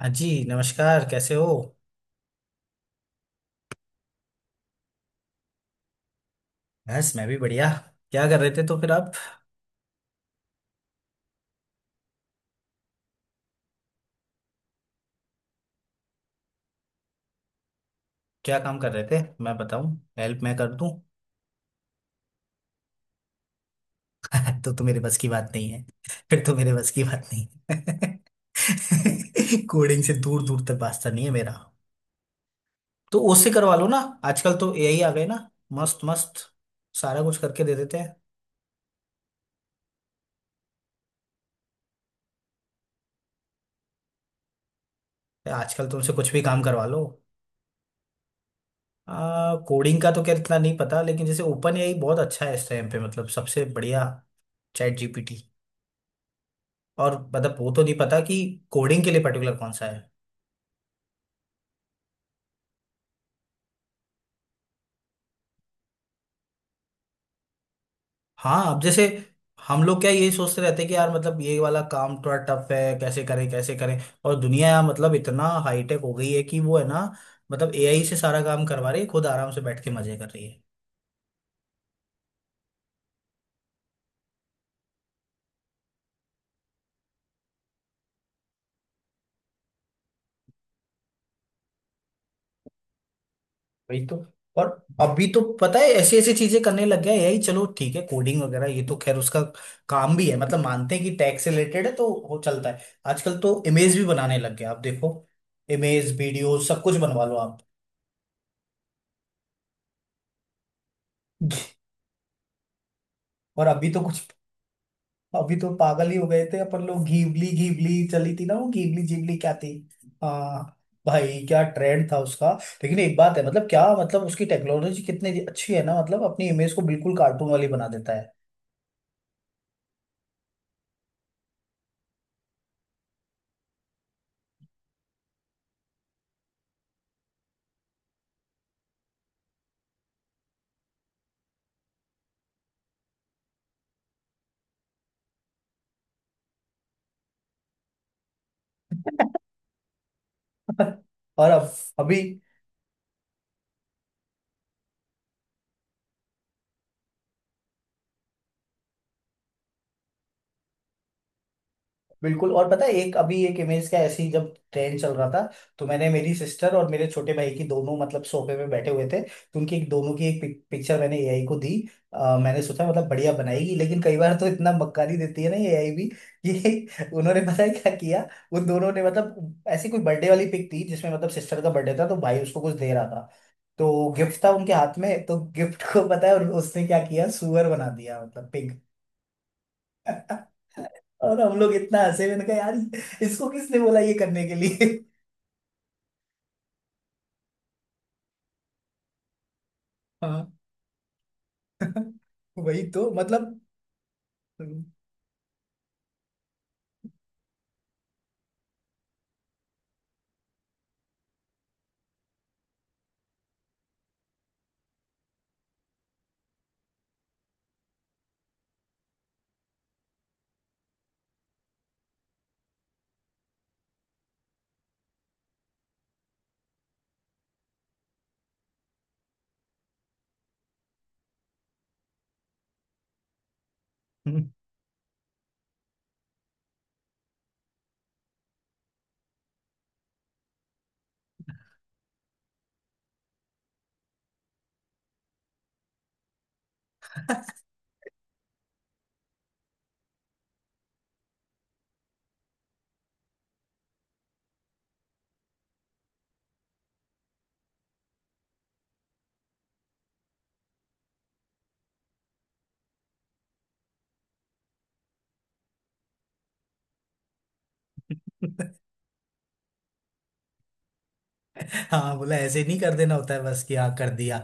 हाँ जी नमस्कार, कैसे हो। बस मैं भी बढ़िया। क्या कर रहे थे तो फिर आप। क्या काम कर रहे थे, मैं बताऊं। हेल्प मैं कर दूं। तो मेरे बस की बात नहीं है। फिर तो मेरे बस की बात नहीं है। कोडिंग से दूर दूर तक वास्ता नहीं है मेरा। तो उससे करवा लो ना। आजकल तो एआई आ गए ना। मस्त मस्त। सारा कुछ करके दे देते हैं। आजकल तुमसे कुछ भी काम करवा लो। कोडिंग का तो क्या, इतना नहीं पता, लेकिन जैसे ओपन एआई बहुत अच्छा है इस टाइम पे, मतलब सबसे बढ़िया। ChatGPT. और मतलब वो तो नहीं पता कि कोडिंग के लिए पर्टिकुलर कौन सा है। हाँ, अब जैसे हम लोग क्या यही सोचते रहते हैं कि यार मतलब ये वाला काम थोड़ा टफ है, कैसे करें कैसे करें। और दुनिया यार मतलब इतना हाईटेक हो गई है कि वो है ना, मतलब एआई से सारा काम करवा रही है, खुद आराम से बैठ के मजे कर रही है। वही तो। और अभी तो पता है ऐसी ऐसी चीजें करने लग गया है एआई। चलो ठीक है, कोडिंग वगैरह ये तो खैर उसका काम भी है, मतलब मानते हैं कि टैक्स से रिलेटेड है तो वो चलता है। आजकल तो इमेज भी बनाने लग गया, आप देखो। इमेज, वीडियो, सब कुछ बनवा लो आप। और अभी तो कुछ अभी तो पागल ही हो गए थे अपन लोग। घीवली घीवली चली थी ना, वो घीवली जीवली क्या थी। हाँ। भाई क्या ट्रेंड था उसका। लेकिन एक बात है, मतलब क्या मतलब उसकी टेक्नोलॉजी कितनी अच्छी है ना, मतलब अपनी इमेज को बिल्कुल कार्टून वाली बना देता है। और अब अभी बिल्कुल। और पता है, एक अभी एक इमेज का ऐसे ही जब ट्रेंड चल रहा था, तो मैंने मेरी सिस्टर और मेरे छोटे भाई की दोनों, मतलब सोफे पे बैठे हुए थे तो उनकी एक, दोनों की एक पिक्चर मैंने एआई को दी। मैंने सोचा मतलब बढ़िया बनाएगी, लेकिन कई बार तो इतना मक्कारी देती है ना ये एआई भी कि उन्होंने पता है क्या किया। उन दोनों ने, मतलब ऐसी कोई बर्थडे वाली पिक थी जिसमें मतलब सिस्टर का बर्थडे था, तो भाई उसको कुछ दे रहा था, तो गिफ्ट था उनके हाथ में। तो गिफ्ट को पता है उसने क्या किया, सुअर बना दिया, मतलब पिग। और हम लोग इतना हंसे, मैंने कहा यार, इसको किसने बोला ये करने के लिए। हाँ। वही तो मतलब। हाँ, बोला ऐसे नहीं कर देना होता है बस कि हाँ कर दिया।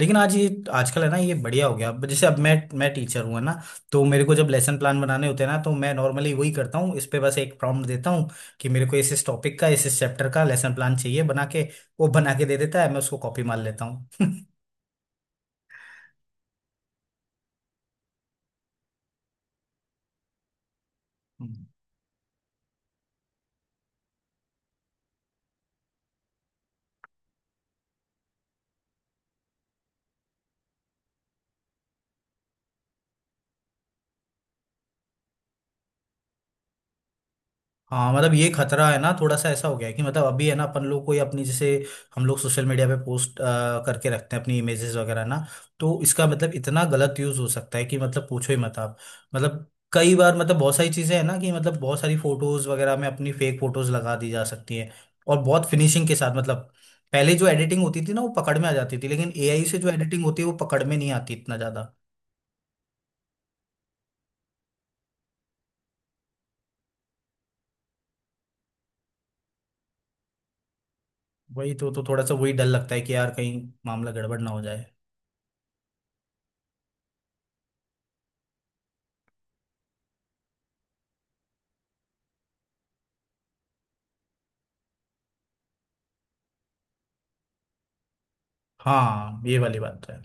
लेकिन आज ये आजकल है ना ये बढ़िया हो गया। अब जैसे, अब मैं टीचर हूँ है ना, तो मेरे को जब लेसन प्लान बनाने होते हैं ना, तो मैं नॉर्मली वही करता हूँ, इस पे बस एक प्रॉम्प्ट देता हूँ कि मेरे को इस टॉपिक का इस चैप्टर का लेसन प्लान चाहिए बना के। वो बना के दे देता है, मैं उसको कॉपी मार लेता हूँ। हाँ, मतलब ये खतरा है ना, थोड़ा सा ऐसा हो गया है कि मतलब अभी है ना, अपन लोग कोई अपनी जैसे, हम लोग सोशल मीडिया पे पोस्ट करके रखते हैं अपनी इमेजेस वगैरह ना, तो इसका मतलब इतना गलत यूज हो सकता है कि मतलब पूछो ही मत आप। मतलब कई बार, मतलब बहुत सारी चीजें हैं ना कि मतलब बहुत सारी फोटोज वगैरह में अपनी फेक फोटोज लगा दी जा सकती हैं, और बहुत फिनिशिंग के साथ, मतलब पहले जो एडिटिंग होती थी ना वो पकड़ में आ जाती थी, लेकिन एआई से जो एडिटिंग होती है वो पकड़ में नहीं आती इतना ज्यादा। वही तो थोड़ा सा वही डर लगता है कि यार कहीं मामला गड़बड़ ना हो जाए। हाँ, ये वाली बात तो है।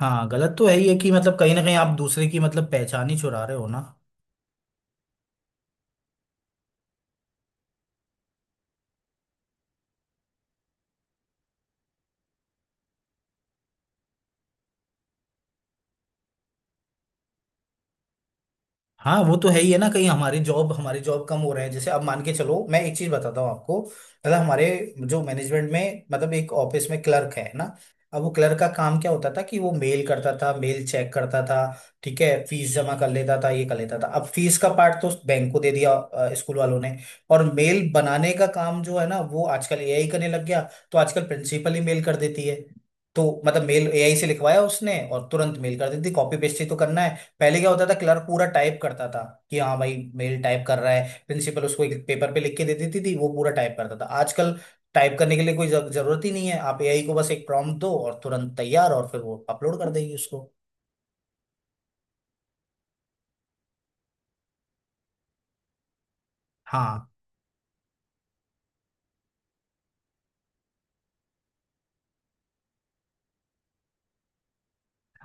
हाँ, गलत तो है ही है कि मतलब कहीं ना कहीं आप दूसरे की मतलब पहचान ही चुरा रहे हो ना। हाँ वो तो है ही है ना, कहीं हमारी जॉब कम हो रहे हैं। जैसे अब मान के चलो, मैं एक चीज बताता हूँ आपको, मतलब हमारे जो मैनेजमेंट में, मतलब एक ऑफिस में क्लर्क है ना, अब वो क्लर्क का काम क्या होता था कि वो मेल करता था, मेल चेक करता था, ठीक है, फीस जमा कर लेता था, ये कर लेता था। अब फीस का पार्ट तो बैंक को दे दिया स्कूल वालों ने, और मेल बनाने का काम जो है ना, वो आजकल एआई करने लग गया, तो आजकल प्रिंसिपल ही मेल कर देती है। तो मतलब मेल एआई से लिखवाया उसने, और तुरंत मेल कर देती, कॉपी पेस्ट ही तो करना है। पहले क्या होता था, क्लर्क पूरा टाइप करता था कि हाँ भाई, मेल टाइप कर रहा है, प्रिंसिपल उसको एक पेपर पे लिख के दे देती थी, वो पूरा टाइप करता था। आजकल टाइप करने के लिए कोई जरूरत ही नहीं है, आप एआई को बस एक प्रॉम्प्ट दो और तुरंत तैयार, और फिर वो अपलोड कर देगी उसको। हाँ,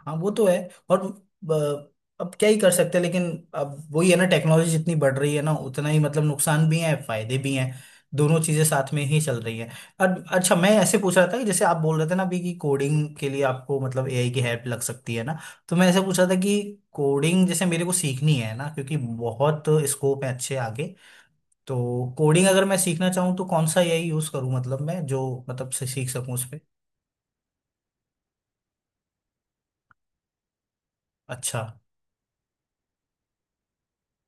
हाँ, वो तो है। और ब- अब क्या ही कर सकते हैं, लेकिन अब वही है ना, टेक्नोलॉजी जितनी बढ़ रही है ना, उतना ही मतलब नुकसान भी है, फायदे भी हैं, दोनों चीजें साथ में ही चल रही है। और अच्छा, मैं ऐसे पूछ रहा था कि जैसे आप बोल रहे थे ना अभी कि कोडिंग के लिए आपको मतलब एआई की हेल्प लग सकती है ना, तो मैं ऐसे पूछ रहा था कि कोडिंग जैसे मेरे को सीखनी है ना, क्योंकि बहुत स्कोप है अच्छे आगे, तो कोडिंग अगर मैं सीखना चाहूँ तो कौन सा एआई यूज करूँ, मतलब मैं जो मतलब से सीख सकूँ उस पर। अच्छा।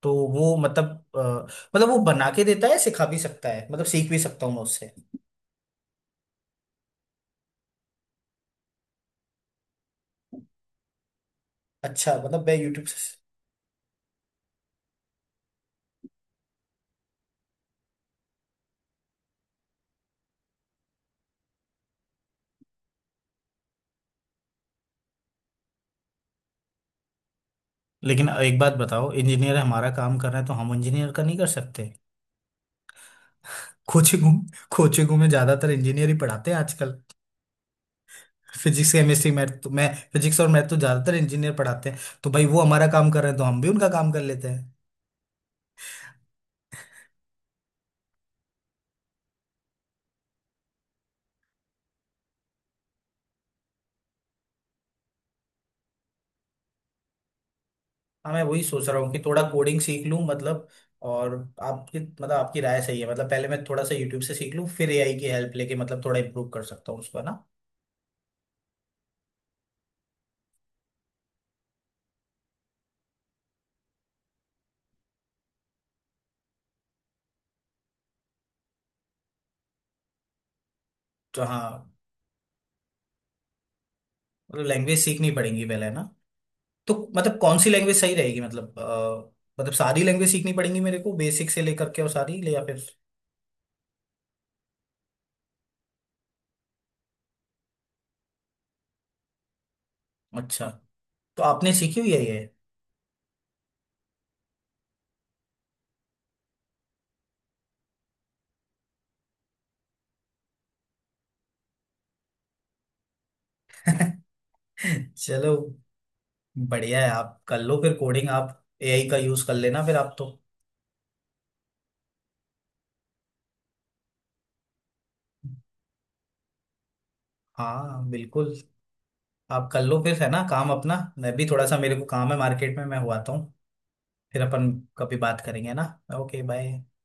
तो वो मतलब, अ, मतलब वो बना के देता है, सिखा भी सकता है, मतलब सीख भी सकता हूँ मैं उससे। अच्छा, मतलब मैं यूट्यूब से। लेकिन एक बात बताओ, इंजीनियर हमारा काम कर रहे हैं तो हम इंजीनियर का नहीं कर सकते। कोचिंगों कोचिंगों में ज्यादातर इंजीनियर ही पढ़ाते हैं आजकल। फिजिक्स, केमिस्ट्री, मैथ तो मैं, फिजिक्स और मैथ तो ज्यादातर इंजीनियर पढ़ाते हैं, तो भाई वो हमारा काम कर रहे हैं तो हम भी उनका काम कर लेते हैं। हाँ, मैं वही सोच रहा हूँ कि थोड़ा कोडिंग सीख लूँ, मतलब। और आपकी मतलब आपकी राय सही है, मतलब पहले मैं थोड़ा सा यूट्यूब से सीख लूँ, फिर एआई की हेल्प लेके मतलब थोड़ा इम्प्रूव कर सकता हूँ उसको ना। तो हाँ, मतलब लैंग्वेज सीखनी पड़ेगी पहले ना। तो मतलब कौन सी लैंग्वेज सही रहेगी, मतलब मतलब सारी लैंग्वेज सीखनी पड़ेगी मेरे को बेसिक से लेकर के, और सारी ले या फिर। अच्छा, तो आपने सीखी हुई है ये। चलो, बढ़िया है। आप कर लो फिर कोडिंग, आप एआई का यूज कर लेना फिर आप तो। हाँ बिल्कुल, आप कर लो फिर है ना काम अपना, मैं भी थोड़ा सा मेरे को काम है मार्केट में, मैं हुआता हूँ। फिर अपन कभी बात करेंगे ना। Okay, bye.